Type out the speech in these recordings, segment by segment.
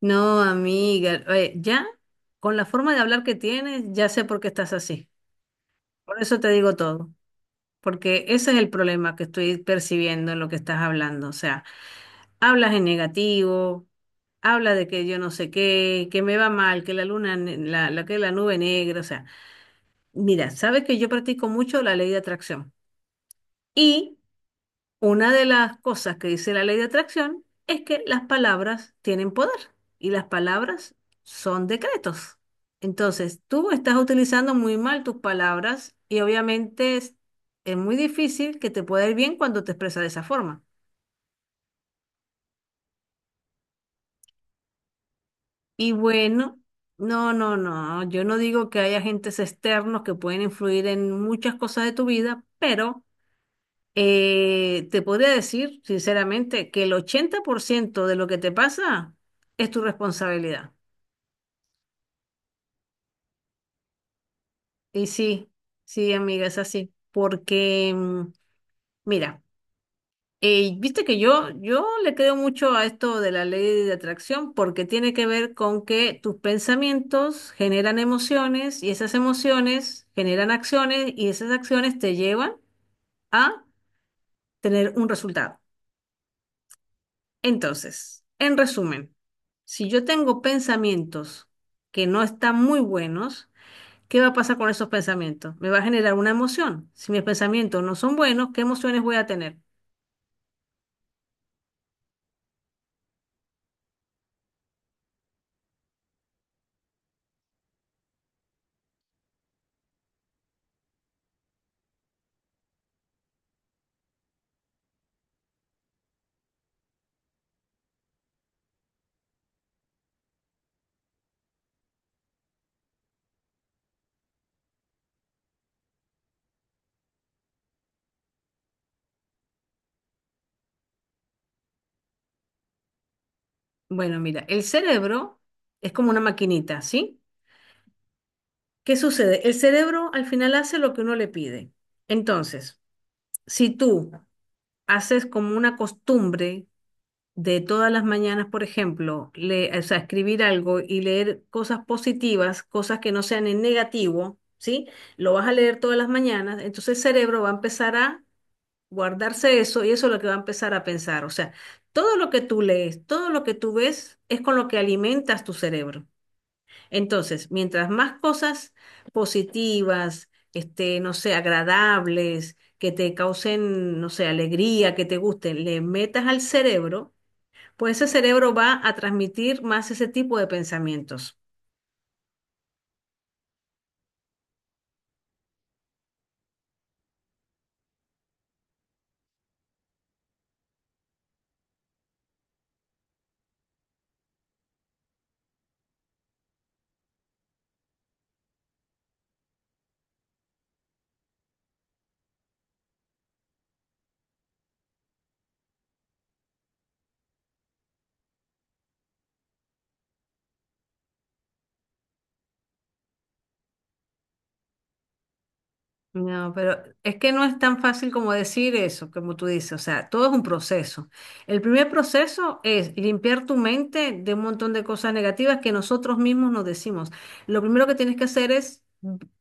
No, amiga, oye, ya con la forma de hablar que tienes, ya sé por qué estás así. Por eso te digo todo, porque ese es el problema que estoy percibiendo en lo que estás hablando. O sea, hablas en negativo, hablas de que yo no sé qué, que me va mal, que la luna, la que la nube negra. O sea, mira, sabes que yo practico mucho la ley de atracción y una de las cosas que dice la ley de atracción es que las palabras tienen poder y las palabras son decretos. Entonces, tú estás utilizando muy mal tus palabras y obviamente es muy difícil que te pueda ir bien cuando te expresas de esa forma. Y bueno, no, yo no digo que haya agentes externos que pueden influir en muchas cosas de tu vida, pero te podría decir, sinceramente, que el 80% de lo que te pasa es tu responsabilidad. Y sí, sí, amiga, es así. Porque, mira, viste que yo le creo mucho a esto de la ley de atracción porque tiene que ver con que tus pensamientos generan emociones y esas emociones generan acciones y esas acciones te llevan a tener un resultado. Entonces, en resumen, si yo tengo pensamientos que no están muy buenos, ¿qué va a pasar con esos pensamientos? Me va a generar una emoción. Si mis pensamientos no son buenos, ¿qué emociones voy a tener? Bueno, mira, el cerebro es como una maquinita, ¿sí? ¿Qué sucede? El cerebro al final hace lo que uno le pide. Entonces, si tú haces como una costumbre de todas las mañanas, por ejemplo, o sea, escribir algo y leer cosas positivas, cosas que no sean en negativo, ¿sí? Lo vas a leer todas las mañanas, entonces el cerebro va a empezar a guardarse eso y eso es lo que va a empezar a pensar. O sea, todo lo que tú lees, todo lo que tú ves es con lo que alimentas tu cerebro. Entonces, mientras más cosas positivas, este, no sé, agradables, que te causen, no sé, alegría, que te gusten, le metas al cerebro, pues ese cerebro va a transmitir más ese tipo de pensamientos. No, pero es que no es tan fácil como decir eso, como tú dices, o sea, todo es un proceso. El primer proceso es limpiar tu mente de un montón de cosas negativas que nosotros mismos nos decimos. Lo primero que tienes que hacer es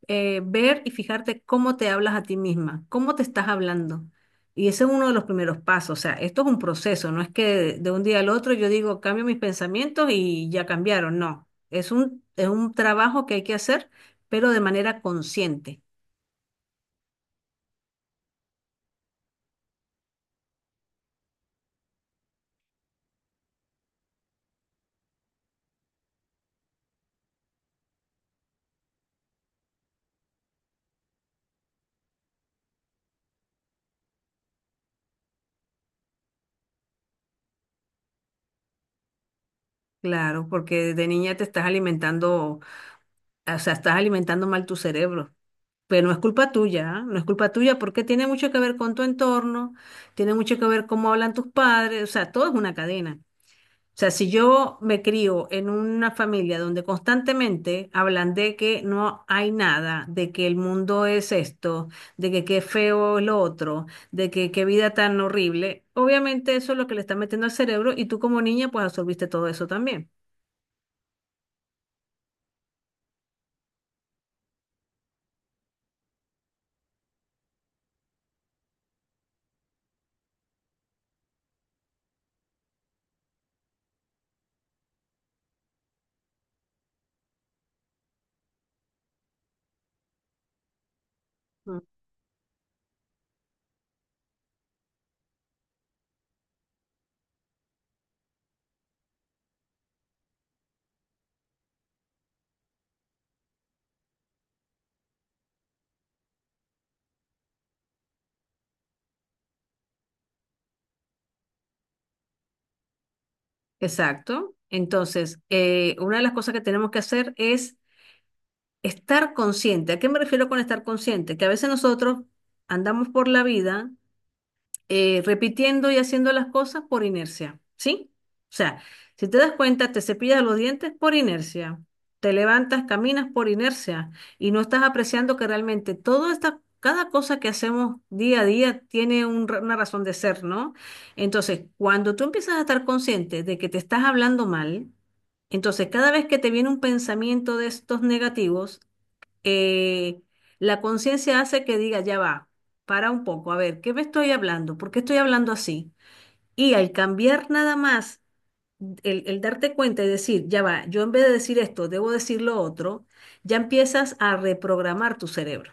ver y fijarte cómo te hablas a ti misma, cómo te estás hablando. Y ese es uno de los primeros pasos, o sea, esto es un proceso, no es que de un día al otro yo digo, cambio mis pensamientos y ya cambiaron, no, es un trabajo que hay que hacer, pero de manera consciente. Claro, porque desde niña te estás alimentando, o sea, estás alimentando mal tu cerebro. Pero no es culpa tuya, ¿ah? No es culpa tuya porque tiene mucho que ver con tu entorno, tiene mucho que ver cómo hablan tus padres, o sea, todo es una cadena. O sea, si yo me crío en una familia donde constantemente hablan de que no hay nada, de que el mundo es esto, de que qué feo es lo otro, de que qué vida tan horrible, obviamente eso es lo que le está metiendo al cerebro y tú como niña pues absorbiste todo eso también. Exacto. Entonces, una de las cosas que tenemos que hacer es estar consciente. ¿A qué me refiero con estar consciente? Que a veces nosotros andamos por la vida repitiendo y haciendo las cosas por inercia, ¿sí? O sea, si te das cuenta, te cepillas los dientes por inercia, te levantas, caminas por inercia y no estás apreciando que realmente todo esta, cada cosa que hacemos día a día tiene una razón de ser, ¿no? Entonces, cuando tú empiezas a estar consciente de que te estás hablando mal, entonces, cada vez que te viene un pensamiento de estos negativos, eh, la conciencia hace que diga, ya va, para un poco, a ver, ¿qué me estoy hablando? ¿Por qué estoy hablando así? Y al cambiar nada más, el darte cuenta y decir, ya va, yo en vez de decir esto, debo decir lo otro, ya empiezas a reprogramar tu cerebro.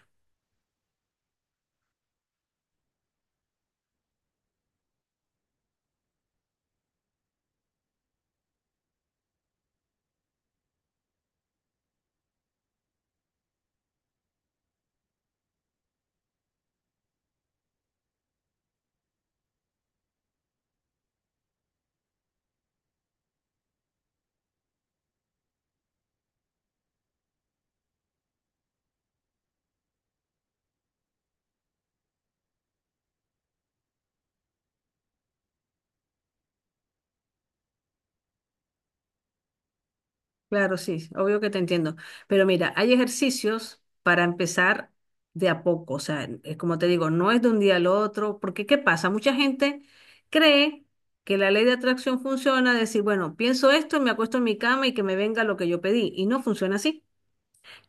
Claro, sí, obvio que te entiendo. Pero mira, hay ejercicios para empezar de a poco. O sea, es como te digo, no es de un día al otro, porque ¿qué pasa? Mucha gente cree que la ley de atracción funciona, decir, bueno, pienso esto, me acuesto en mi cama y que me venga lo que yo pedí. Y no funciona así.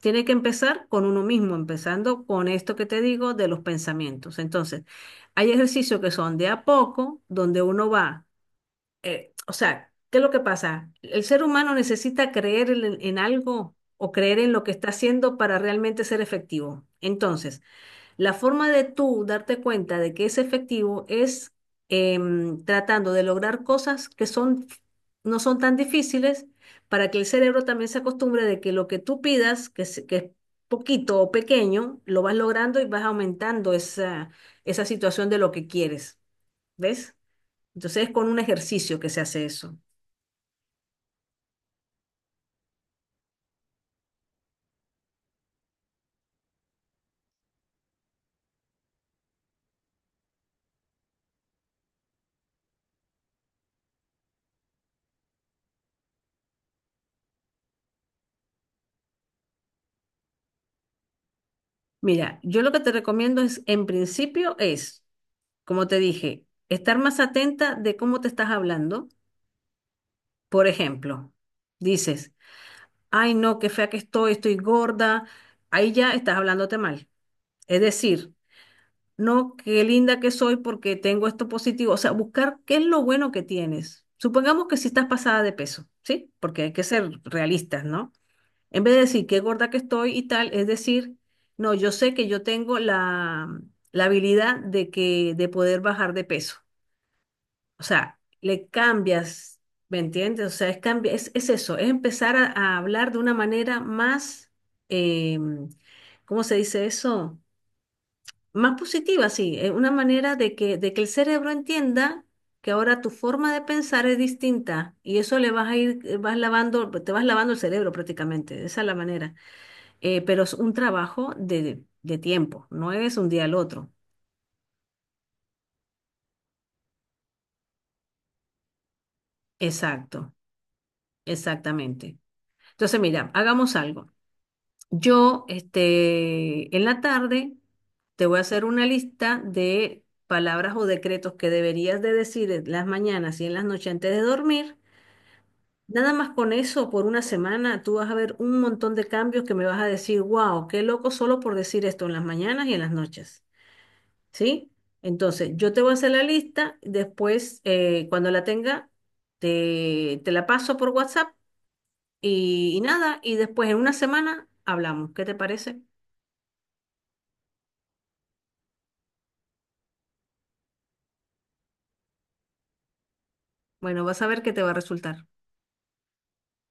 Tiene que empezar con uno mismo, empezando con esto que te digo de los pensamientos. Entonces, hay ejercicios que son de a poco, donde uno va o sea, ¿qué es lo que pasa? El ser humano necesita creer en algo o creer en lo que está haciendo para realmente ser efectivo. Entonces, la forma de tú darte cuenta de que es efectivo es tratando de lograr cosas no son tan difíciles para que el cerebro también se acostumbre de que lo que tú pidas, que es poquito o pequeño, lo vas logrando y vas aumentando esa, esa situación de lo que quieres. ¿Ves? Entonces es con un ejercicio que se hace eso. Mira, yo lo que te recomiendo es, en principio, es, como te dije, estar más atenta de cómo te estás hablando. Por ejemplo, dices, ay no, qué fea que estoy, estoy gorda. Ahí ya estás hablándote mal. Es decir, no, qué linda que soy porque tengo esto positivo. O sea, buscar qué es lo bueno que tienes. Supongamos que si estás pasada de peso, ¿sí? Porque hay que ser realistas, ¿no? En vez de decir qué gorda que estoy y tal, es decir, no, yo sé que yo tengo la habilidad de que de poder bajar de peso. O sea, le cambias, ¿me entiendes? O sea, es eso, es empezar a hablar de una manera más, eh, ¿cómo se dice eso? Más positiva, sí, una manera de de que el cerebro entienda que ahora tu forma de pensar es distinta y eso le vas a ir, vas lavando, te vas lavando el cerebro prácticamente, esa es la manera. Pero es un trabajo de tiempo, no es un día al otro. Exacto, exactamente. Entonces, mira, hagamos algo. Yo, este, en la tarde te voy a hacer una lista de palabras o decretos que deberías de decir en las mañanas y en las noches antes de dormir. Nada más con eso, por una semana, tú vas a ver un montón de cambios que me vas a decir, wow, qué loco solo por decir esto en las mañanas y en las noches. ¿Sí? Entonces, yo te voy a hacer la lista, después, cuando la tenga, te la paso por WhatsApp y nada, y después en una semana hablamos. ¿Qué te parece? Bueno, vas a ver qué te va a resultar.